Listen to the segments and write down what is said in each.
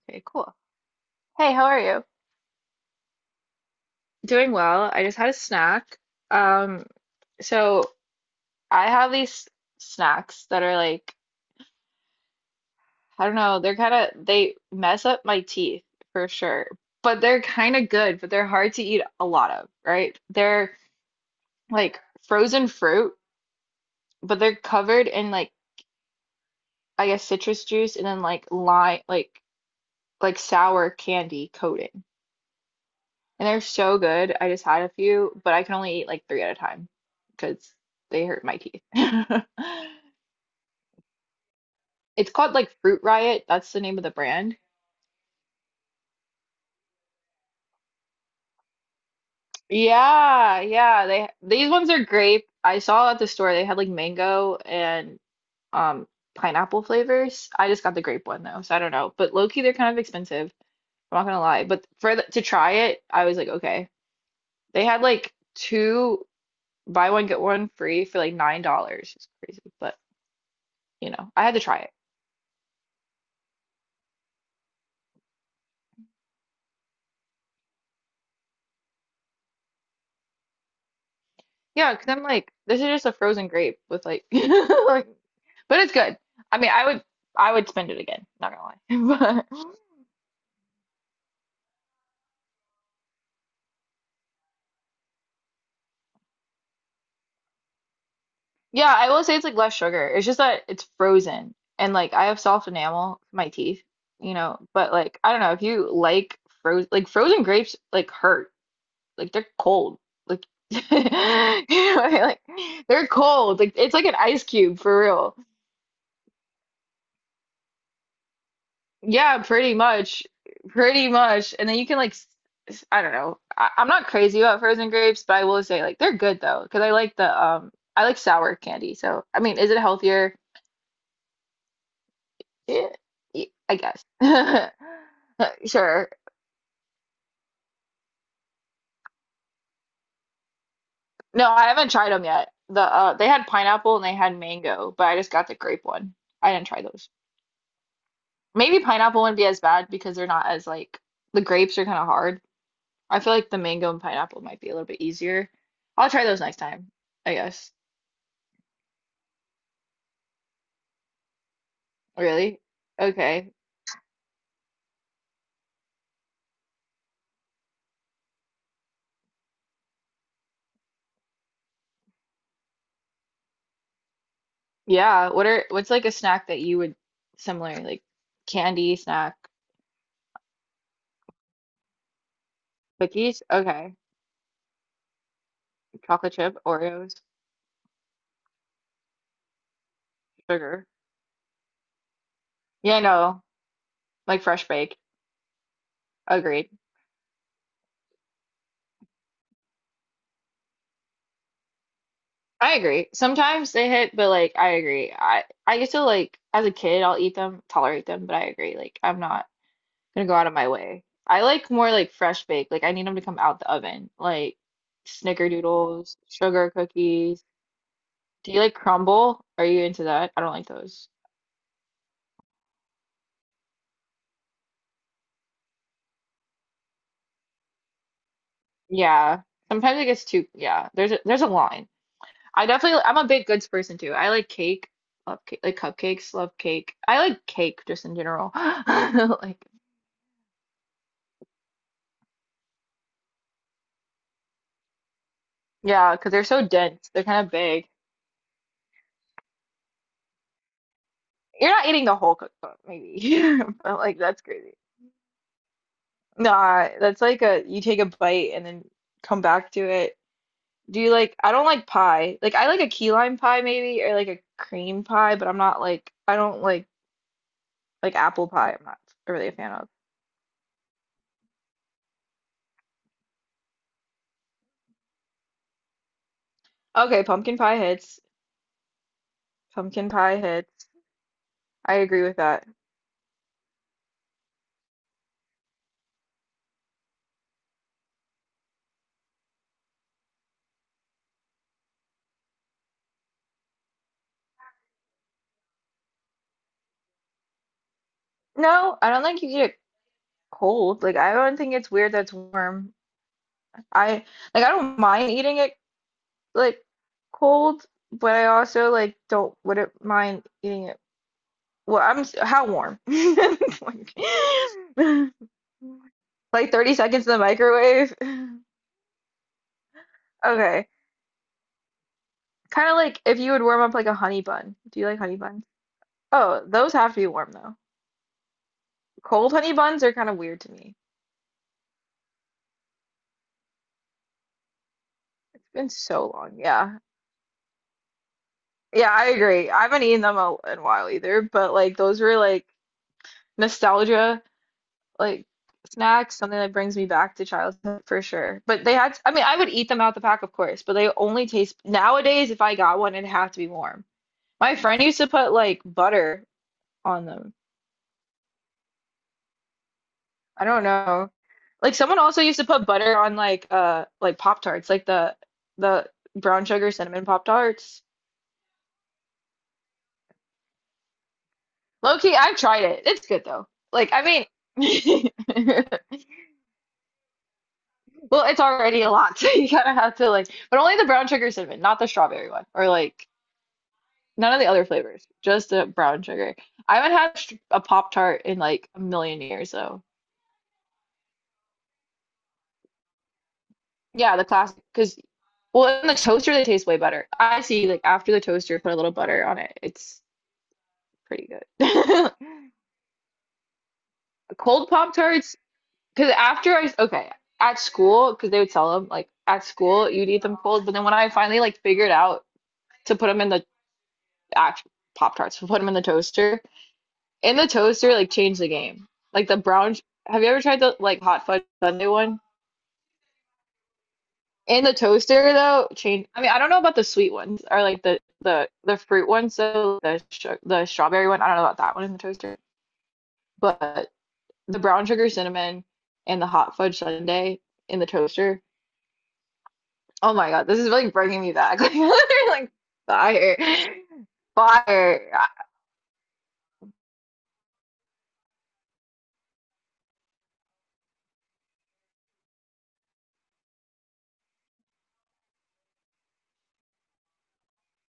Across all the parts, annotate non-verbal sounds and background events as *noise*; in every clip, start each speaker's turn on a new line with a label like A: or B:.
A: Okay, cool. Hey, how are you? Doing well. I just had a snack. Um, so I have these snacks that are like, I don't know, they're kind of they mess up my teeth for sure, but they're kind of good, but they're hard to eat a lot of, right? They're like frozen fruit, but they're covered in like I guess citrus juice and then like lime, like sour candy coating. And they're so good. I just had a few, but I can only eat like three at a time because they hurt my teeth. *laughs* It's called like Fruit Riot. That's the name of the brand. Yeah, yeah. They these ones are grape. I saw at the store they had like mango and um pineapple flavors. I just got the grape one though, so I don't know. But low key, they're kind of expensive. I'm not gonna lie. But for to try it, I was like, okay. They had like two buy one get one free for like $9. It's crazy, but I had to try it. Yeah, because I'm like, this is just a frozen grape with like, *laughs* like, but it's good. I mean, I would spend it again. Not gonna lie, *laughs* but yeah, I will say it's like less sugar. It's just that it's frozen, and like I have soft enamel for my teeth. But like, I don't know if you like frozen grapes, like hurt, like they're cold, like *laughs* you know, what I mean? Like they're cold, like it's like an ice cube for real. Yeah, pretty much. Pretty much. And then you can like I don't know. I'm not crazy about frozen grapes, but I will say like they're good though, because I like sour candy. So I mean, is it healthier? Yeah, I guess. *laughs* Sure. No, I haven't tried them yet. They had pineapple and they had mango, but I just got the grape one. I didn't try those. Maybe pineapple wouldn't be as bad because they're not as like the grapes are kind of hard. I feel like the mango and pineapple might be a little bit easier. I'll try those next time. I guess. Really? Okay. Yeah. What's like a snack that you would similar like candy snack cookies? Okay. Chocolate chip, Oreos, sugar. Yeah, no. Like fresh baked. Agreed. I agree. Sometimes they hit, but like I agree. I used to like as a kid I'll eat them, tolerate them, but I agree. Like I'm not gonna go out of my way. I like more like fresh baked. Like I need them to come out the oven. Like snickerdoodles, sugar cookies. Do you like crumble? Are you into that? I don't like those. Yeah. Sometimes it gets too, yeah. There's a line. I definitely I'm a big goods person too. I like cake, love cake, like cupcakes, love cake. I like cake just in general. *laughs* Like yeah, because 'cause they're so dense. They're kind of big. You're not eating the whole cookbook maybe. *laughs* But like that's crazy. Nah, that's like a you take a bite and then come back to it. Do you like I don't like pie. Like I like a key lime pie maybe or like a cream pie, but I'm not like I don't like apple pie. I'm not really a fan of. Okay, pumpkin pie hits. Pumpkin pie hits. I agree with that. No, I don't think you eat it cold. Like I don't think it's weird that it's warm. I like I don't mind eating it like cold, but I also like don't wouldn't mind eating it. Well, how warm? *laughs* Like, *laughs* like 30 seconds in the microwave. *laughs* Okay. Kind of like if you would warm up like a honey bun. Do you like honey buns? Oh, those have to be warm though. Cold honey buns are kind of weird to me. Been so long. Yeah. Yeah, I agree. I haven't eaten them in a while either, but like those were like nostalgia like snacks, something that brings me back to childhood for sure. But they had, I mean, I would eat them out the pack, of course, but they only taste nowadays if I got one, it'd have to be warm. My friend used to put like butter on them. I don't know. Like someone also used to put butter on like Pop Tarts, like the brown sugar cinnamon Pop Tarts. Low key, I've tried it. It's good though. Like, I mean, *laughs* well, it's already a lot, *laughs* so you kind of have to like, but only the brown sugar cinnamon, not the strawberry one, or like none of the other flavors, just the brown sugar. I haven't had a Pop Tart in like a million years, so yeah, the classic. Because well, in the toaster they taste way better. I see, like after the toaster, put a little butter on it, it's pretty good. *laughs* Cold Pop Tarts. Okay, at school, because they would sell them, like at school, you'd eat them cold. But then when I finally like figured out to put them in the actual Pop Tarts, to put them in the toaster, like changed the game. Like the brown, have you ever tried the like hot fudge sundae one? In the toaster though, change. I mean, I don't know about the sweet ones or like the fruit ones. So the strawberry one, I don't know about that one in the toaster. But the brown sugar cinnamon and the hot fudge sundae in the toaster Oh my God, this is really bringing me back. *laughs* Like fire, fire, ah,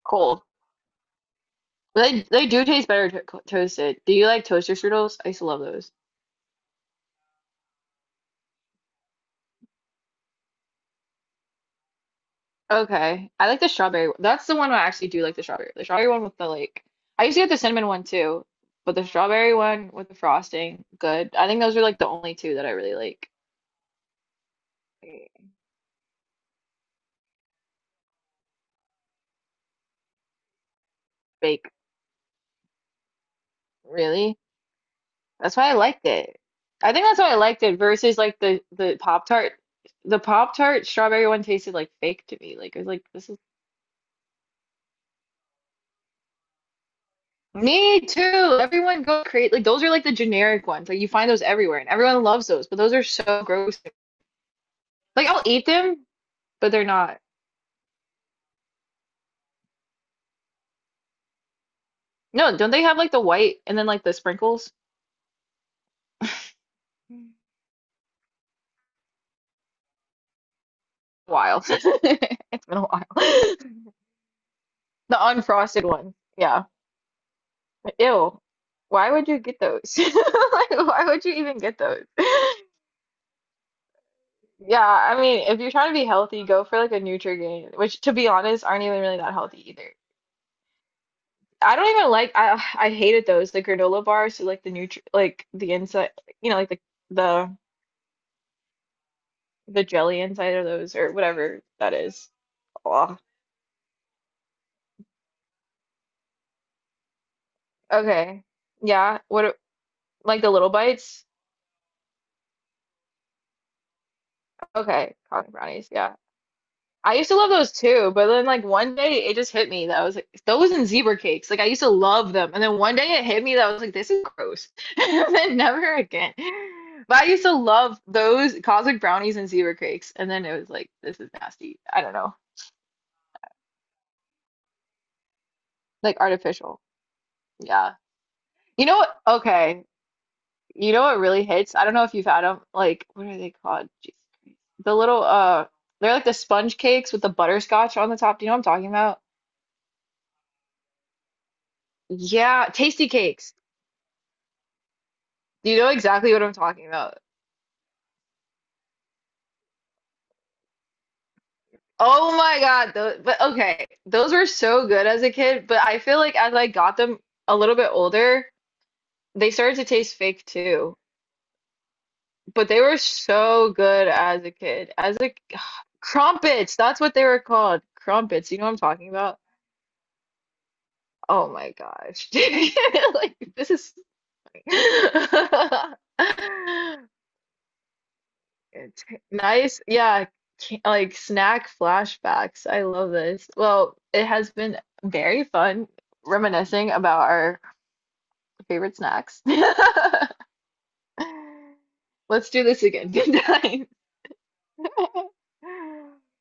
A: cold. They do taste better to toasted. Do you like toaster strudels? I used to love those. Okay, I like the strawberry one. That's the one I actually do like, the strawberry. The strawberry one with the like. I used to get the cinnamon one too, but the strawberry one with the frosting, good. I think those are like the only two that I really like. Bake, really. That's why I liked it. I think that's why I liked it versus like the Pop Tart. The Pop Tart strawberry one tasted like fake to me. Like it was like this is me too. Everyone go create like those are like the generic ones. Like you find those everywhere and everyone loves those, but those are so gross. Like I'll eat them, but they're not. No, don't they have like the white and then like the sprinkles? A while. *laughs* It's been a while. *laughs* The unfrosted one. Yeah. Ew. Why would you get those? *laughs* Like why would you even get those? Yeah, I mean, if you're trying to be healthy, go for like a Nutrigrain, which to be honest, aren't even really that healthy either. I don't even like I hated those the granola bars, so like the nutri like the inside, you know, like the the jelly inside of those or whatever that is. Oh, okay, yeah. What a- like the little bites? Okay, cotton brownies. Yeah. I used to love those too, but then like one day it just hit me that I was like those and zebra cakes. Like I used to love them, and then one day it hit me that I was like this is gross, *laughs* and then never again. But I used to love those cosmic brownies and zebra cakes, and then it was like this is nasty. I don't know, like artificial. Yeah, you know what? Okay, you know what really hits? I don't know if you've had them. Like what are they called? Jeez. The little they're like the sponge cakes with the butterscotch on the top. Do you know what I'm talking about? Yeah, tasty cakes. You know exactly what I'm talking about. Oh my God, those, but okay, those were so good as a kid, but I feel like as I got them a little bit older, they started to taste fake too. But they were so good as a kid. As a *sighs* crumpets, that's what they were called. Crumpets, you know what I'm talking about? Oh my gosh. *laughs* Like this is *laughs* It's nice. Yeah, like snack flashbacks. I love this. Well, it has been very fun reminiscing about our favorite snacks. *laughs* Let's do this again. *laughs* Good night. *laughs*